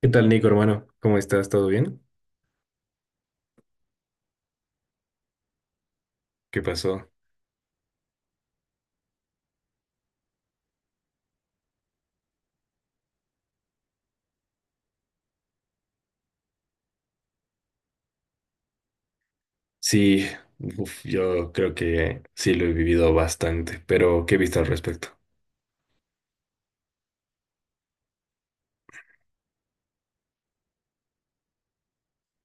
¿Qué tal, Nico, hermano? ¿Cómo estás? ¿Todo bien? ¿Qué pasó? Sí, uf, yo creo que sí lo he vivido bastante, pero ¿qué viste al respecto?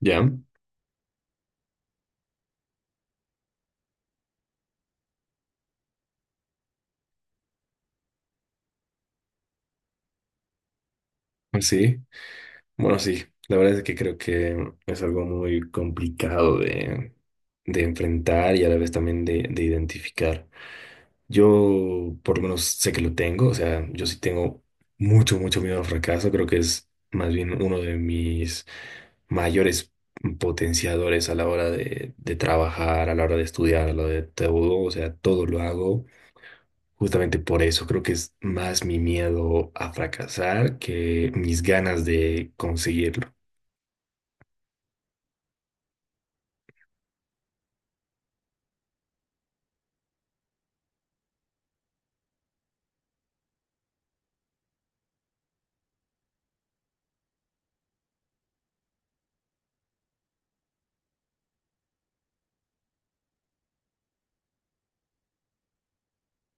¿Ya? Sí, bueno, sí, la verdad es que creo que es algo muy complicado de enfrentar y a la vez también de identificar. Yo por lo menos sé que lo tengo, o sea, yo sí tengo mucho, mucho miedo al fracaso, creo que es más bien uno de mis mayores potenciadores a la hora de trabajar, a la hora de estudiar, a la hora de todo, o sea, todo lo hago justamente por eso, creo que es más mi miedo a fracasar que mis ganas de conseguirlo.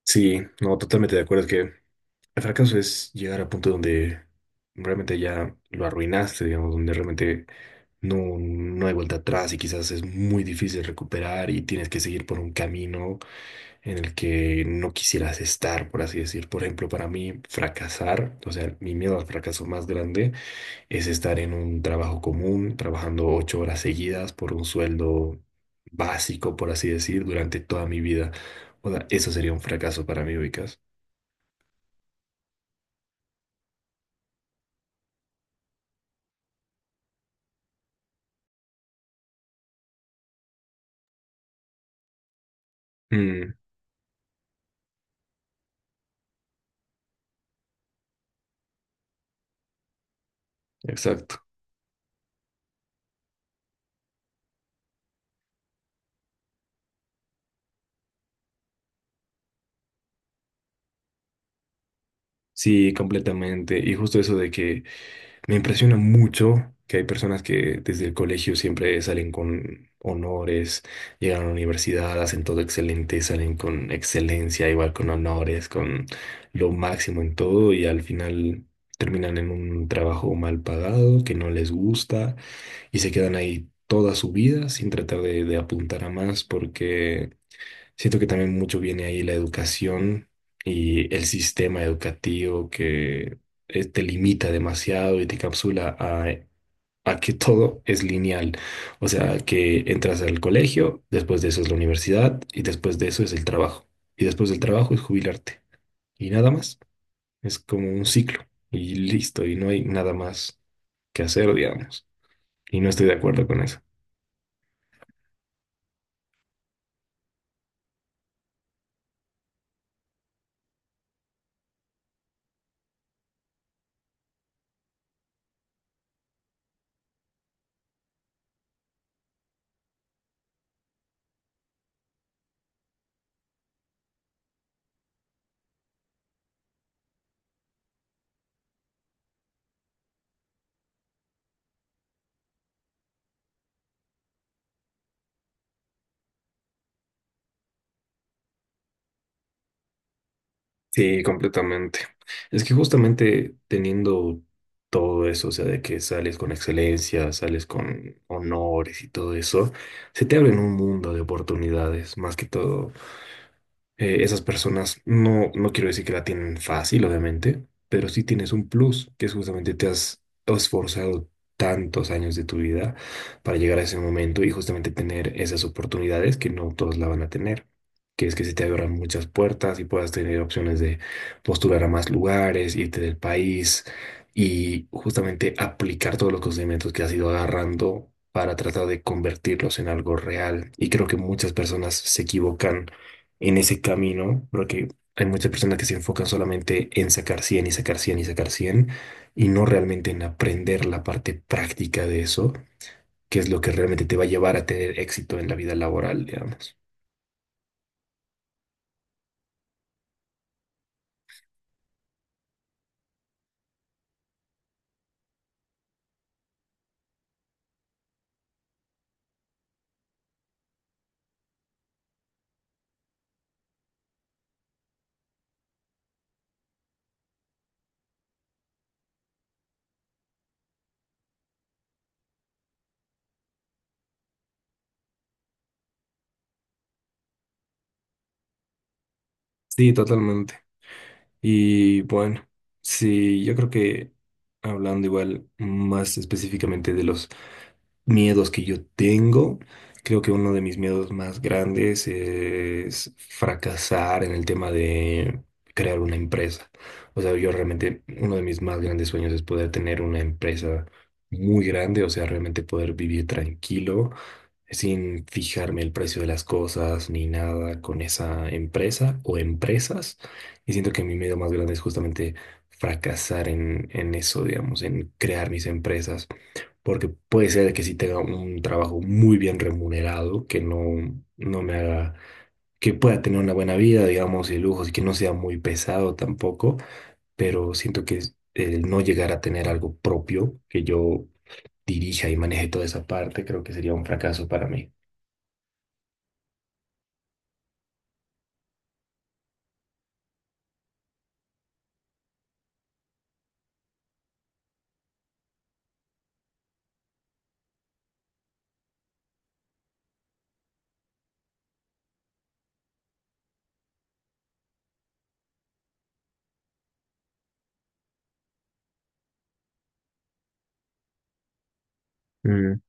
Sí, no, totalmente de acuerdo, es que el fracaso es llegar a punto donde realmente ya lo arruinaste, digamos, donde realmente no hay vuelta atrás y quizás es muy difícil recuperar y tienes que seguir por un camino en el que no quisieras estar, por así decir. Por ejemplo, para mí, fracasar, o sea, mi miedo al fracaso más grande es estar en un trabajo común, trabajando ocho horas seguidas por un sueldo básico, por así decir, durante toda mi vida. O sea, eso sería un fracaso para mí, ubicas. Mm, exacto. Sí, completamente. Y justo eso de que me impresiona mucho que hay personas que desde el colegio siempre salen con honores, llegan a la universidad, hacen todo excelente, salen con excelencia, igual con honores, con lo máximo en todo y al final terminan en un trabajo mal pagado que no les gusta y se quedan ahí toda su vida sin tratar de apuntar a más porque siento que también mucho viene ahí la educación y el sistema educativo que te limita demasiado y te capsula a que todo es lineal. O sea, que entras al colegio, después de eso es la universidad y después de eso es el trabajo. Y después del trabajo es jubilarte. Y nada más. Es como un ciclo y listo. Y no hay nada más que hacer, digamos. Y no estoy de acuerdo con eso. Sí, completamente. Es que justamente teniendo todo eso, o sea, de que sales con excelencia, sales con honores y todo eso, se te abre un mundo de oportunidades, más que todo esas personas no quiero decir que la tienen fácil, obviamente, pero sí tienes un plus, que es justamente te has esforzado tantos años de tu vida para llegar a ese momento y justamente tener esas oportunidades que no todos la van a tener, que es que se te abran muchas puertas y puedas tener opciones de postular a más lugares, irte del país y justamente aplicar todos los conocimientos que has ido agarrando para tratar de convertirlos en algo real. Y creo que muchas personas se equivocan en ese camino, porque hay muchas personas que se enfocan solamente en sacar 100 y sacar 100 y sacar 100 y no realmente en aprender la parte práctica de eso, que es lo que realmente te va a llevar a tener éxito en la vida laboral, digamos. Sí, totalmente. Y bueno, sí, yo creo que hablando igual más específicamente de los miedos que yo tengo, creo que uno de mis miedos más grandes es fracasar en el tema de crear una empresa. O sea, yo realmente, uno de mis más grandes sueños es poder tener una empresa muy grande, o sea, realmente poder vivir tranquilo, sin fijarme el precio de las cosas ni nada con esa empresa o empresas. Y siento que mi miedo más grande es justamente fracasar en eso, digamos, en crear mis empresas porque puede ser que sí tenga un trabajo muy bien remunerado, que no, no me haga, que pueda tener una buena vida, digamos, y lujos, y que no sea muy pesado tampoco, pero siento que es- el no llegar a tener algo propio, que yo dirija y maneje toda esa parte, creo que sería un fracaso para mí. Mm.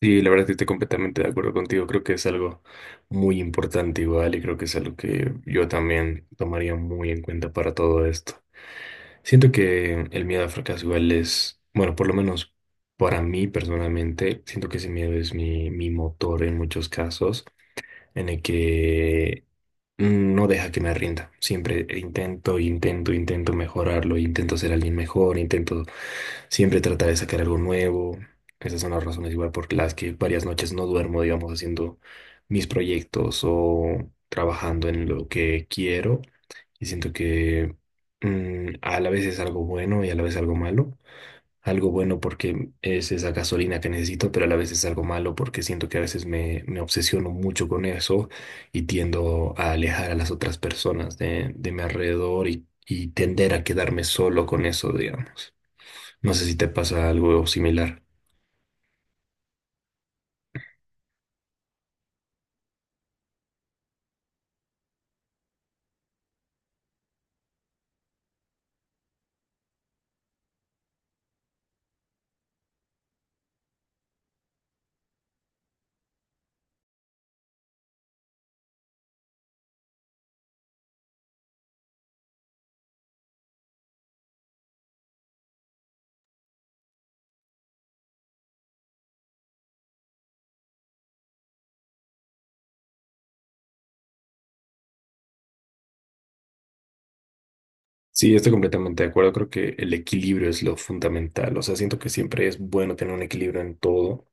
Sí, la verdad es que estoy completamente de acuerdo contigo. Creo que es algo muy importante igual y creo que es algo que yo también tomaría muy en cuenta para todo esto. Siento que el miedo al fracaso igual es, bueno, por lo menos para mí personalmente, siento que ese miedo es mi motor en muchos casos, en el que no deja que me rinda. Siempre intento, intento, intento mejorarlo, intento ser alguien mejor, intento siempre tratar de sacar algo nuevo. Esas son las razones igual por las que varias noches no duermo, digamos, haciendo mis proyectos o trabajando en lo que quiero. Y siento que a la vez es algo bueno y a la vez algo malo. Algo bueno porque es esa gasolina que necesito, pero a la vez es algo malo porque siento que a veces me obsesiono mucho con eso y tiendo a alejar a las otras personas de mi alrededor y tender a quedarme solo con eso, digamos. No sé si te pasa algo similar. Sí, estoy completamente de acuerdo. Creo que el equilibrio es lo fundamental. O sea, siento que siempre es bueno tener un equilibrio en todo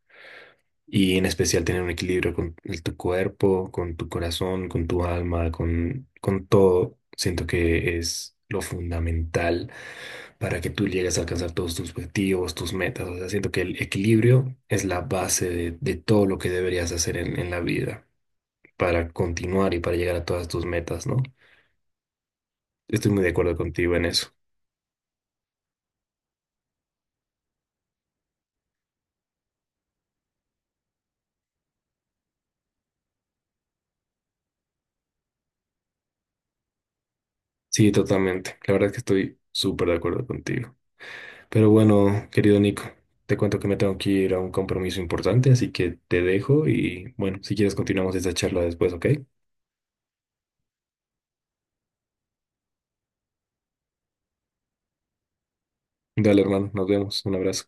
y en especial tener un equilibrio con el- tu cuerpo, con tu corazón, con tu alma, con todo. Siento que es lo fundamental para que tú llegues a alcanzar todos tus objetivos, tus metas. O sea, siento que el equilibrio es la base de todo lo que deberías hacer en la vida para continuar y para llegar a todas tus metas, ¿no? Estoy muy de acuerdo contigo en eso. Sí, totalmente. La verdad es que estoy súper de acuerdo contigo. Pero bueno, querido Nico, te cuento que me tengo que ir a un compromiso importante, así que te dejo y bueno, si quieres continuamos esta charla después, ¿ok? Dale, hermano, nos vemos, un abrazo.